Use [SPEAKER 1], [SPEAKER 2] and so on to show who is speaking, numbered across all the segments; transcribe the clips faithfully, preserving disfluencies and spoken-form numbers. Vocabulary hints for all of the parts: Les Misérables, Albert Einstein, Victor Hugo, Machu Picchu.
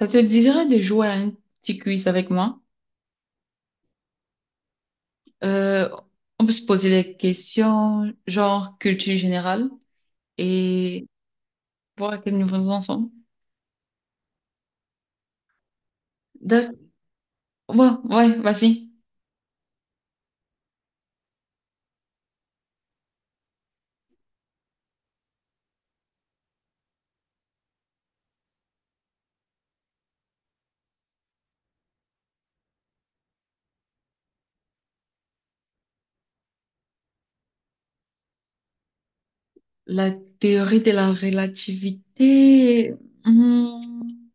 [SPEAKER 1] Ça te dirait de jouer à un petit quiz avec moi? Euh, on peut se poser des questions genre culture générale et voir à quel niveau nous en sommes. D'accord. Ouais, ouais, vas-y. La théorie de la relativité, hmm,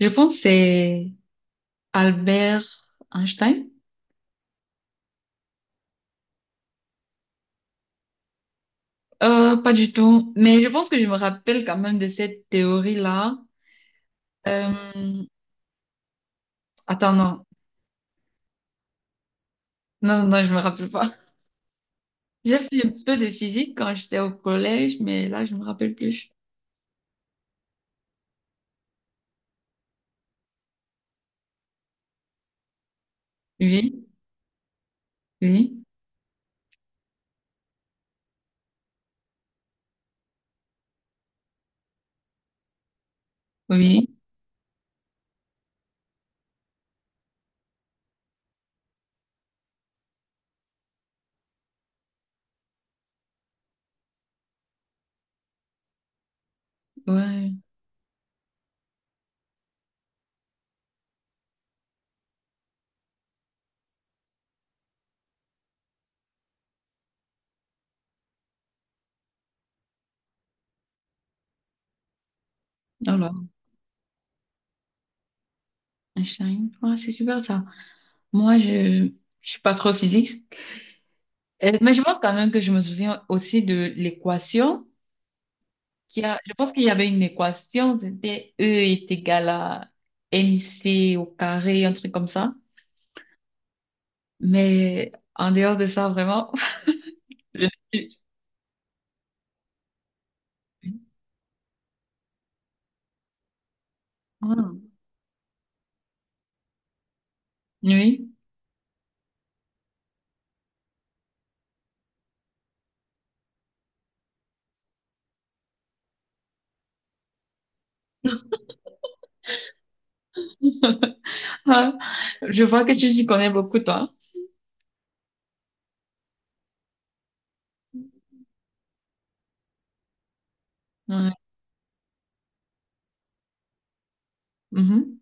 [SPEAKER 1] je pense que c'est Albert Einstein. Euh, pas du tout, mais je pense que je me rappelle quand même de cette théorie-là. Euh, attends, non. Non, non, non, je me rappelle pas. J'ai fait un peu de physique quand j'étais au collège, mais là, je me rappelle plus. Oui, oui, oui, ouais. Alors, Einstein, ouais, c'est super ça. Moi, je, je suis pas trop physique. Euh, mais je pense quand même que je me souviens aussi de l'équation. Qui a, je pense qu'il y avait une équation, c'était E est égal à M C au carré, un truc comme ça. Mais en dehors de ça, vraiment, je suis... Ah, oui. Ah, je vois que tu t'y connais beaucoup, toi. Ouais. Mhm.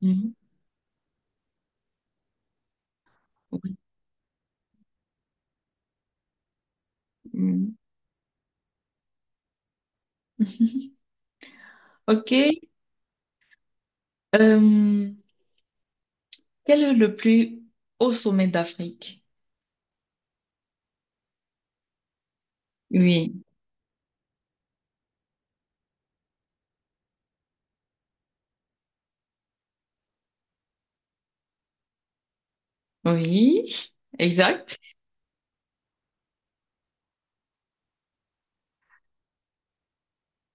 [SPEAKER 1] Mhm. Oui. Mhm. OK. Euh, Quel est le plus haut sommet d'Afrique? Oui. Oui. Exact.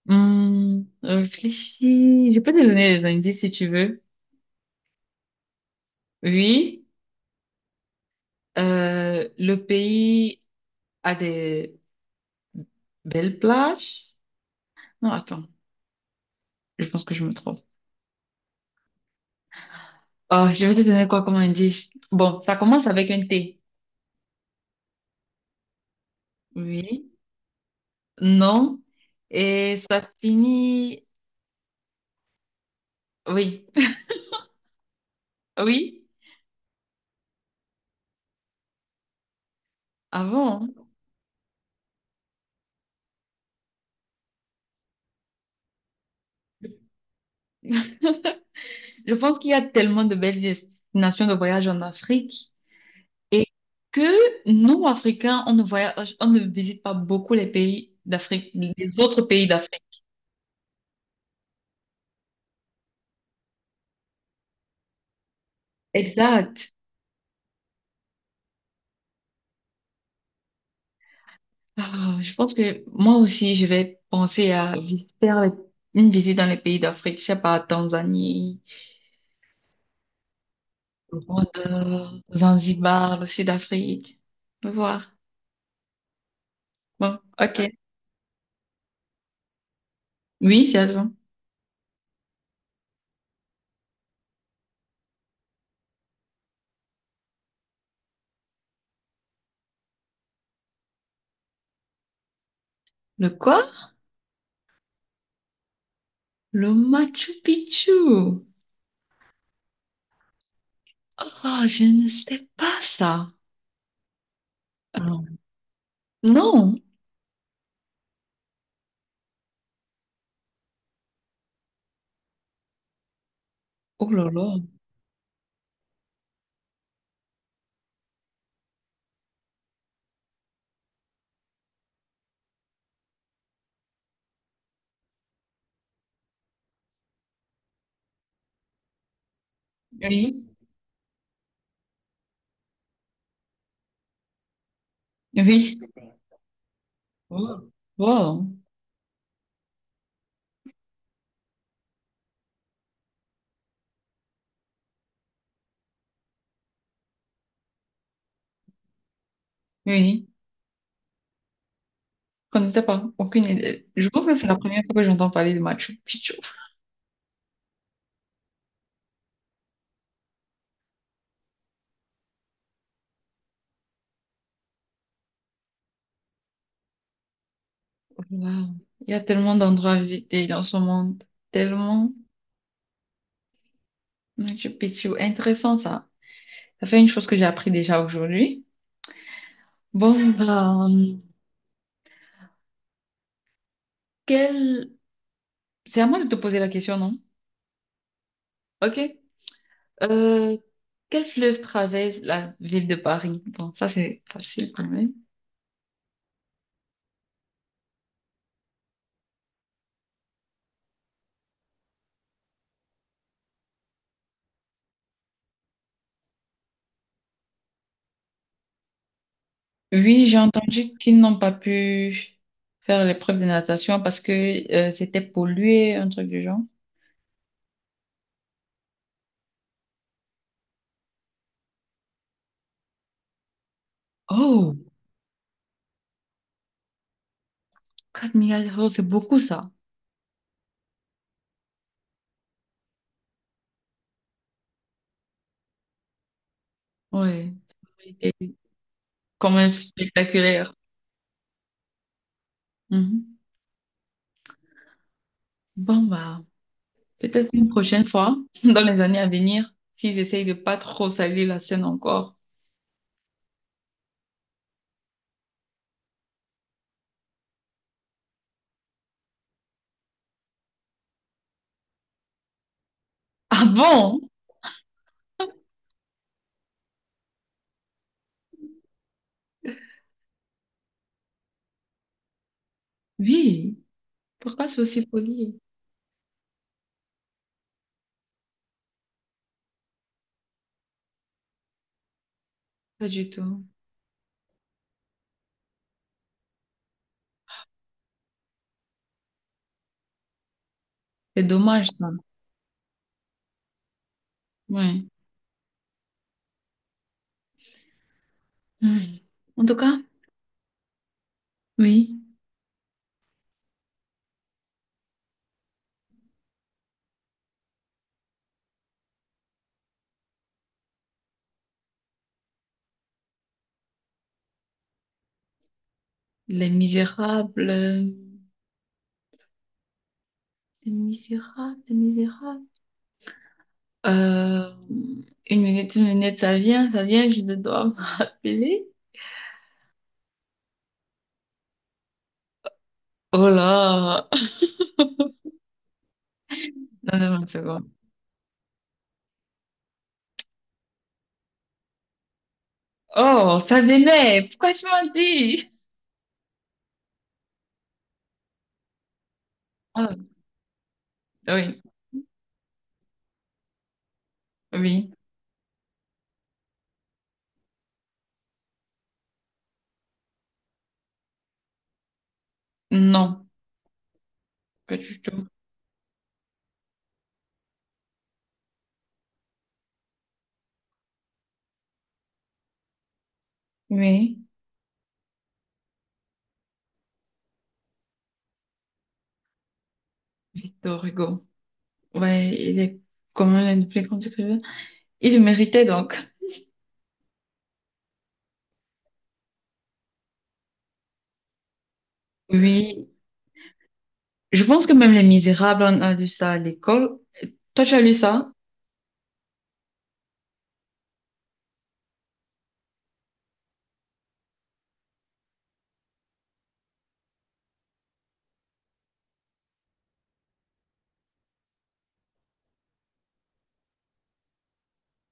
[SPEAKER 1] Hum, réfléchis. Je peux te donner des indices si tu veux. Oui. Euh, le pays a des belles plages. Non, attends. Je pense que je me trompe. Oh, je vais te donner quoi comme indice? Bon, ça commence avec un T. Oui. Non. Et ça finit. Oui. Oui, avant. Je pense qu'il y a tellement de belles destinations de voyage en Afrique et que nous, Africains, on ne voyage, on ne visite pas beaucoup les pays d'Afrique, les autres pays d'Afrique. Exact. Ah, je pense que moi aussi, je vais penser à vi- faire les- une visite dans les pays d'Afrique. Je sais pas, Tanzanie, Rwanda, Zanzibar, le Sud-Afrique. On va voir. Bon, ok. Oui, c'est à toi. Le quoi? Le Machu Picchu. Ah, je ne sais pas ça. Ah, non. Oh là là. Oui. Oui. Wow. Wow. Oui. Je ne sais pas. Aucune idée. Je pense que c'est la première fois que j'entends parler de Machu Picchu. Wow. Il y a tellement d'endroits à visiter dans ce monde. Tellement. Machu Picchu. Intéressant ça. Ça fait une chose que j'ai appris déjà aujourd'hui. Bon, bah, hum, quel... C'est à moi de te poser la question, non? Ok. Euh, Quel fleuve traverse la ville de Paris? Bon, ça c'est facile quand même. Oui, j'ai entendu qu'ils n'ont pas pu faire l'épreuve de natation parce que euh, c'était pollué, un truc du genre. Oh, quatre milliards d'euros, c'est beaucoup ça. Ouais, ça aurait été quand même spectaculaire. Mhm. Bon, bah, peut-être une prochaine fois, dans les années à venir, s'ils essayent de pas trop salir la scène encore. Ah bon? Oui, pourquoi c'est aussi poli? Pas du tout. C'est dommage, ça. Ouais. Mm. En tout cas, oui. Les Misérables. euh, Les Misérables, Les Misérables. Euh, une minute, une minute, ça vient, ça vient, je dois me rappeler. Oh là! Non, non, une seconde. Oh, ça venait! Pourquoi tu m'as dit? Ah, oui, oui. Non, pas du tout. Oui, Victor Hugo. Ouais, il est comme l'un des plus grands écrivains. Il le méritait donc. Oui, je pense que même Les Misérables, on a lu ça à l'école. Toi, tu as lu ça?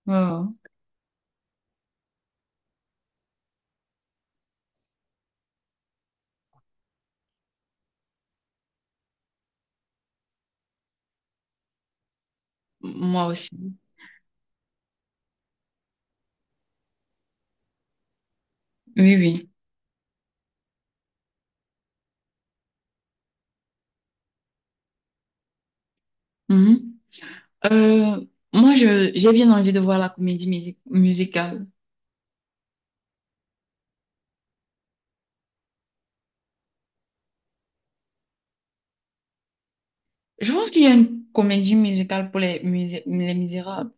[SPEAKER 1] Euh, moi aussi. Oui, oui. Mhm. Euh, moi, je, j'ai bien envie de voir la comédie musi- musicale. Je pense qu'il y a une comédie musicale pour Les, musé- les Misérables.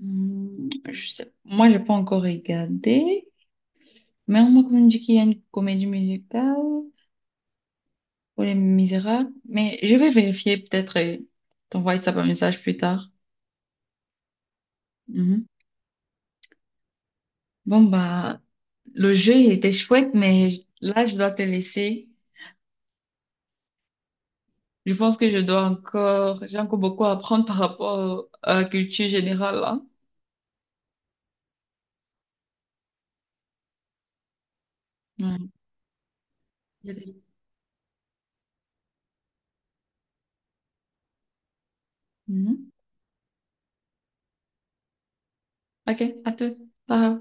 [SPEAKER 1] Hmm, je sais. Moi, j'ai pas encore regardé, mais on m'a quand même dit qu'il y a une comédie musicale pour Les Misérables. Mais je vais vérifier peut-être et t'envoyer ça par message plus tard. Mhm. Bon, bah, le jeu, il était chouette, mais là, je dois te laisser. Je pense que je dois encore, J'ai encore beaucoup à apprendre par rapport à la culture générale, là. Ouais. Mhm. Ok, à tous. Bye.